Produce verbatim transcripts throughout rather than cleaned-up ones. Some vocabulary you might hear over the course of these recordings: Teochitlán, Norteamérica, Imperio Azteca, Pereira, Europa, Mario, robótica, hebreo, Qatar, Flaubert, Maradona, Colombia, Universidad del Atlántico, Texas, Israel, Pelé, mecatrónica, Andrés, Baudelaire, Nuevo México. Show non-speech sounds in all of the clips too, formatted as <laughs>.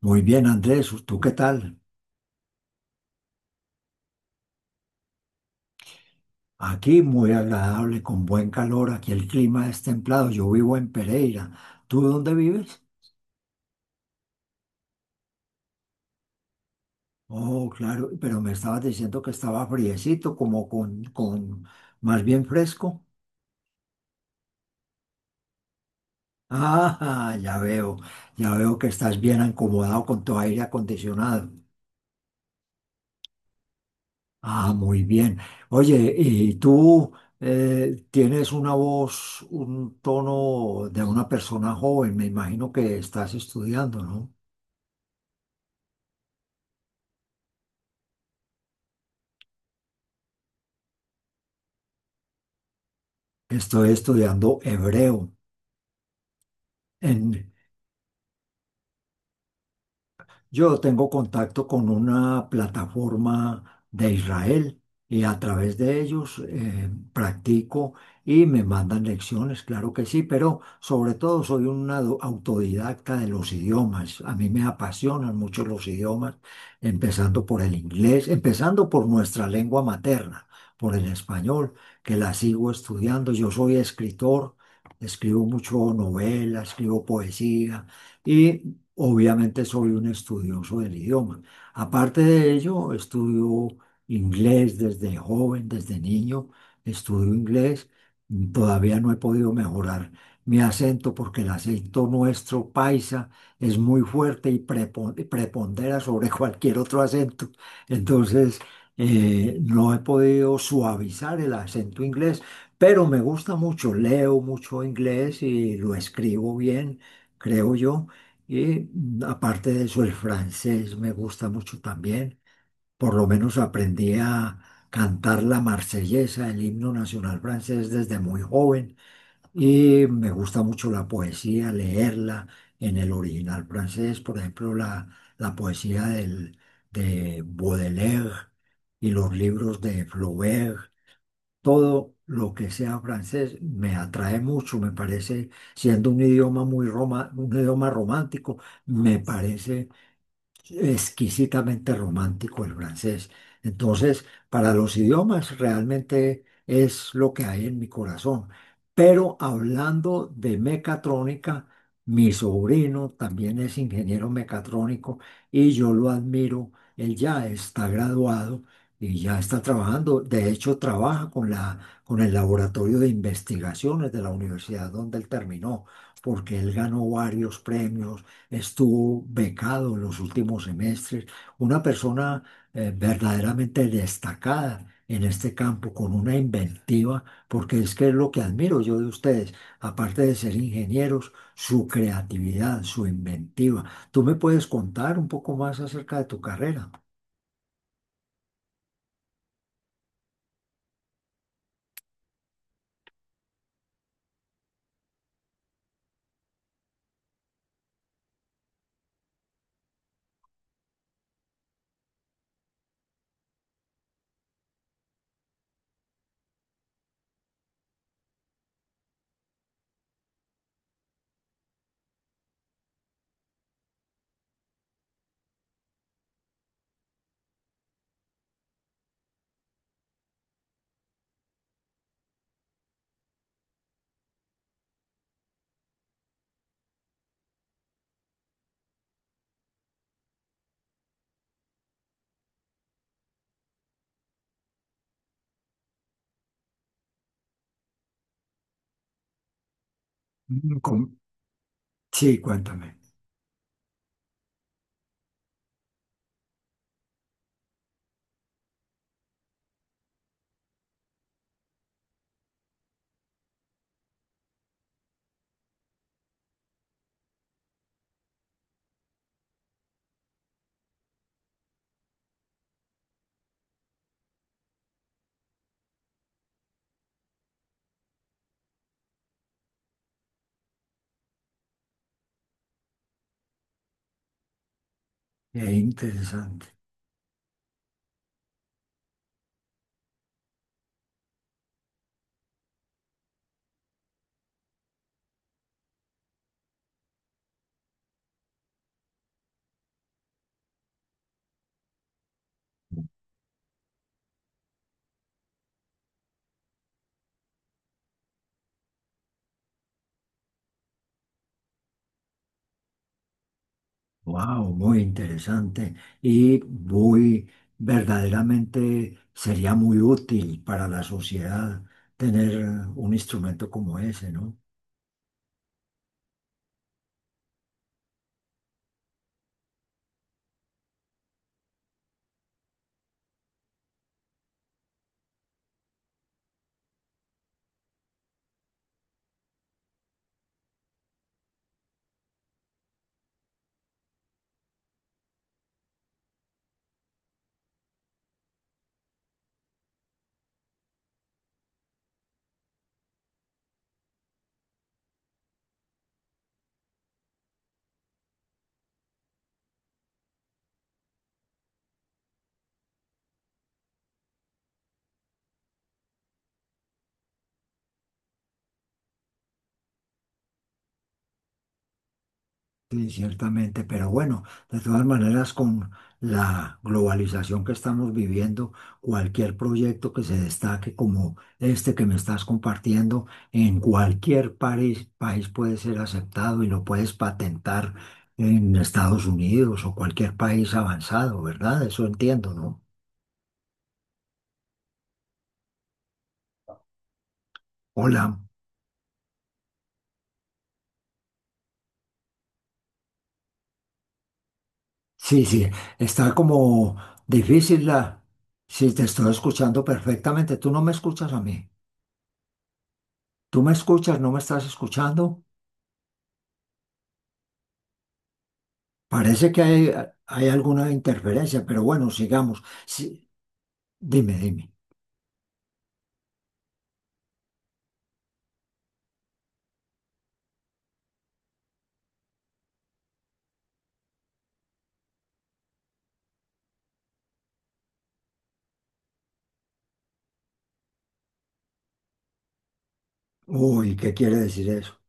Muy bien, Andrés, ¿tú qué tal? Aquí muy agradable, con buen calor, aquí el clima es templado, yo vivo en Pereira. ¿Tú dónde vives? Oh, claro, pero me estabas diciendo que estaba friecito, como con, con más bien fresco. <laughs> Ah, ya veo, ya veo que estás bien acomodado con tu aire acondicionado. Ah, muy bien. Oye, ¿y tú eh, tienes una voz, un tono de una persona joven? Me imagino que estás estudiando, ¿no? Estoy estudiando hebreo en, yo tengo contacto con una plataforma de Israel y a través de ellos eh, practico y me mandan lecciones, claro que sí, pero sobre todo soy un ado- autodidacta de los idiomas. A mí me apasionan mucho los idiomas, empezando por el inglés, empezando por nuestra lengua materna, por el español, que la sigo estudiando. Yo soy escritor, escribo mucho novela, escribo poesía. Y obviamente soy un estudioso del idioma. Aparte de ello, estudio inglés desde joven, desde niño, estudio inglés. Todavía no he podido mejorar mi acento porque el acento nuestro paisa es muy fuerte y prepo- prepondera sobre <laughs> cualquier otro acento. Entonces, eh, no he podido suavizar el acento inglés, pero me gusta mucho, leo mucho inglés y lo escribo bien, creo yo. Y aparte de eso, el francés me gusta mucho también. Por lo menos aprendí a cantar la marsellesa, el himno nacional francés, desde muy joven. Y me gusta mucho la poesía, leerla en el original francés. Por ejemplo, la, la poesía del, de Baudelaire y los libros de Flaubert. Todo lo que sea francés me atrae mucho, me parece, siendo un idioma muy roma, un idioma romántico, me parece exquisitamente romántico el francés. Entonces, para los idiomas realmente es lo que hay en mi corazón. Pero hablando de mecatrónica, mi sobrino también es ingeniero mecatrónico y yo lo admiro. Él ya está graduado y ya está trabajando. De hecho, trabaja con la, con el laboratorio de investigaciones de la universidad donde él terminó, porque él ganó varios premios, estuvo becado en los últimos semestres, una persona eh, verdaderamente destacada en este campo, con una inventiva, porque es que es lo que admiro yo de ustedes, aparte de ser ingenieros, su creatividad, su inventiva. ¿Tú me puedes contar un poco más acerca de tu carrera? Mm, con- Sí, cuéntame. Es interesante. Wow, muy interesante y muy verdaderamente sería muy útil para la sociedad tener un instrumento como ese, ¿no? Sí, ciertamente, pero bueno, de todas maneras, con la globalización que estamos viviendo, cualquier proyecto que se destaque como este que me estás compartiendo, en cualquier país, país puede ser aceptado y lo puedes patentar en Estados Unidos o cualquier país avanzado, ¿verdad? Eso entiendo, ¿no? Hola. Sí, sí, está como difícil la... Sí, te estoy escuchando perfectamente. Tú no me escuchas a mí. Tú me escuchas, no me estás escuchando. Parece que hay, hay alguna interferencia, pero bueno, sigamos. Sí, dime, dime. Uy, ¿qué quiere decir eso?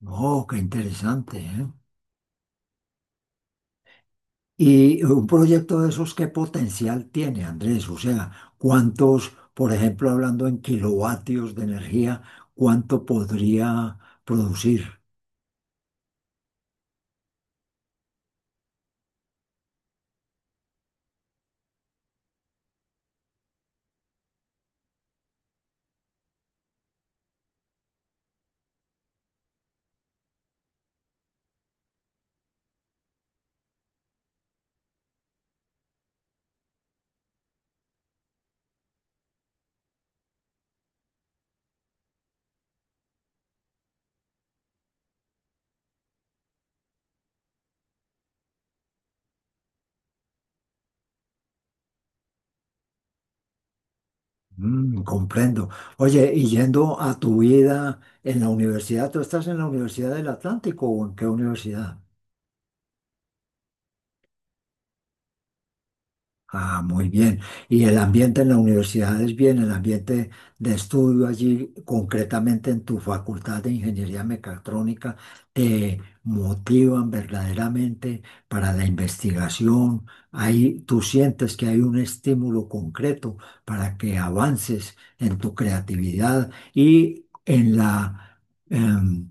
No, qué interesante, ¿eh? Y un proyecto de esos, ¿qué potencial tiene, Andrés? O sea, ¿cuántos, por ejemplo, hablando en kilovatios de energía, cuánto podría producir? Mm, comprendo. Oye, y yendo a tu vida en la universidad, ¿tú estás en la Universidad del Atlántico o en qué universidad? Ah, muy bien. ¿Y el ambiente en la universidad es bien? ¿El ambiente de estudio allí, concretamente en tu facultad de ingeniería mecatrónica, te motivan verdaderamente para la investigación? Ahí tú sientes que hay un estímulo concreto para que avances en tu creatividad y en la, em,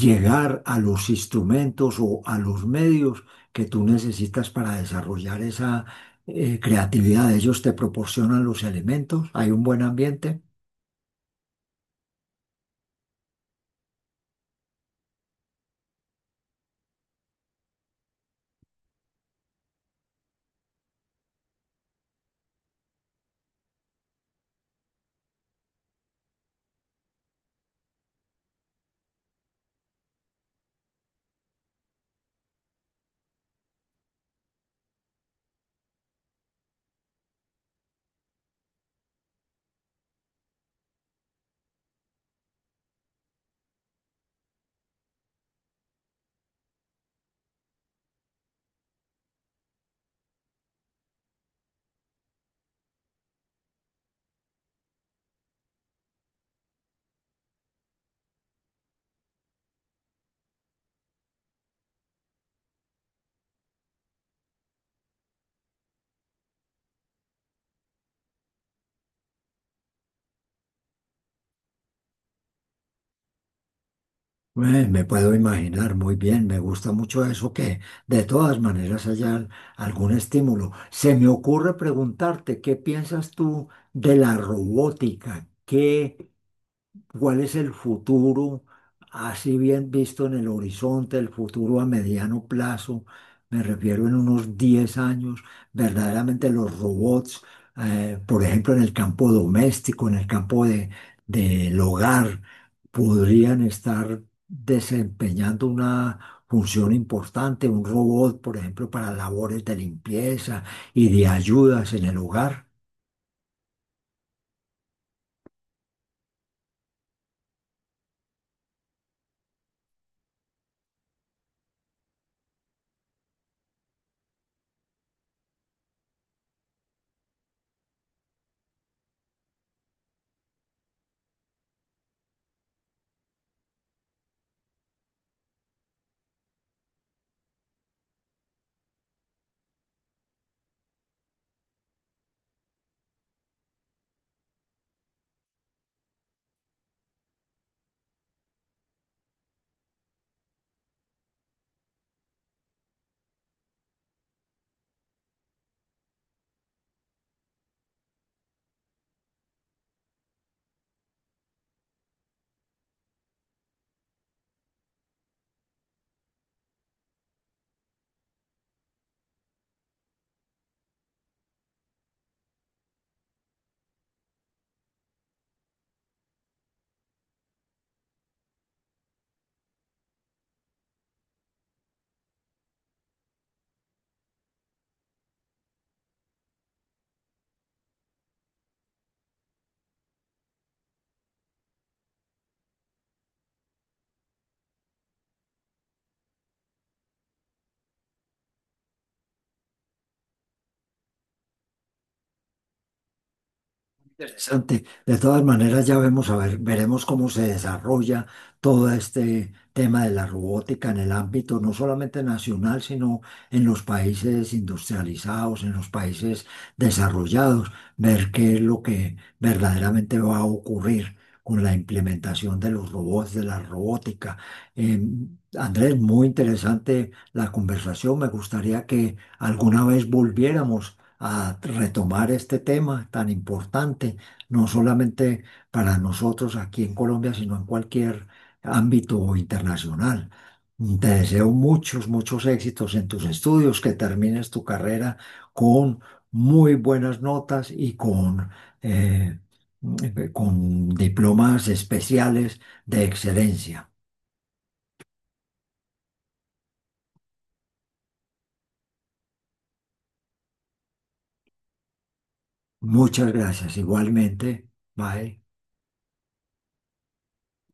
llegar a los instrumentos o a los medios que tú necesitas para desarrollar esa eh, creatividad. Ellos te proporcionan los elementos, hay un buen ambiente. Eh, me puedo imaginar muy bien, me gusta mucho eso que de todas maneras haya algún estímulo. Se me ocurre preguntarte, ¿qué piensas tú de la robótica? ¿Qué cuál es el futuro, así bien visto en el horizonte, el futuro a mediano plazo, me refiero en unos diez años, verdaderamente los robots, eh, por ejemplo, en el campo doméstico, en el campo de, del hogar, podrían estar desempeñando una función importante, un robot, por ejemplo, para labores de limpieza y de ayudas en el hogar. Interesante. De todas maneras, ya vemos, a ver, veremos cómo se desarrolla todo este tema de la robótica en el ámbito no solamente nacional, sino en los países industrializados, en los países desarrollados, ver qué es lo que verdaderamente va a ocurrir con la implementación de los robots, de la robótica. Eh, Andrés, muy interesante la conversación. Me gustaría que alguna vez volviéramos a retomar este tema tan importante no solamente para nosotros aquí en Colombia, sino en cualquier ámbito internacional. Te deseo muchos, muchos éxitos en tus estudios, que termines tu carrera con muy buenas notas y con, eh, eh, con diplomas especiales de excelencia. Muchas gracias. Igualmente, bye.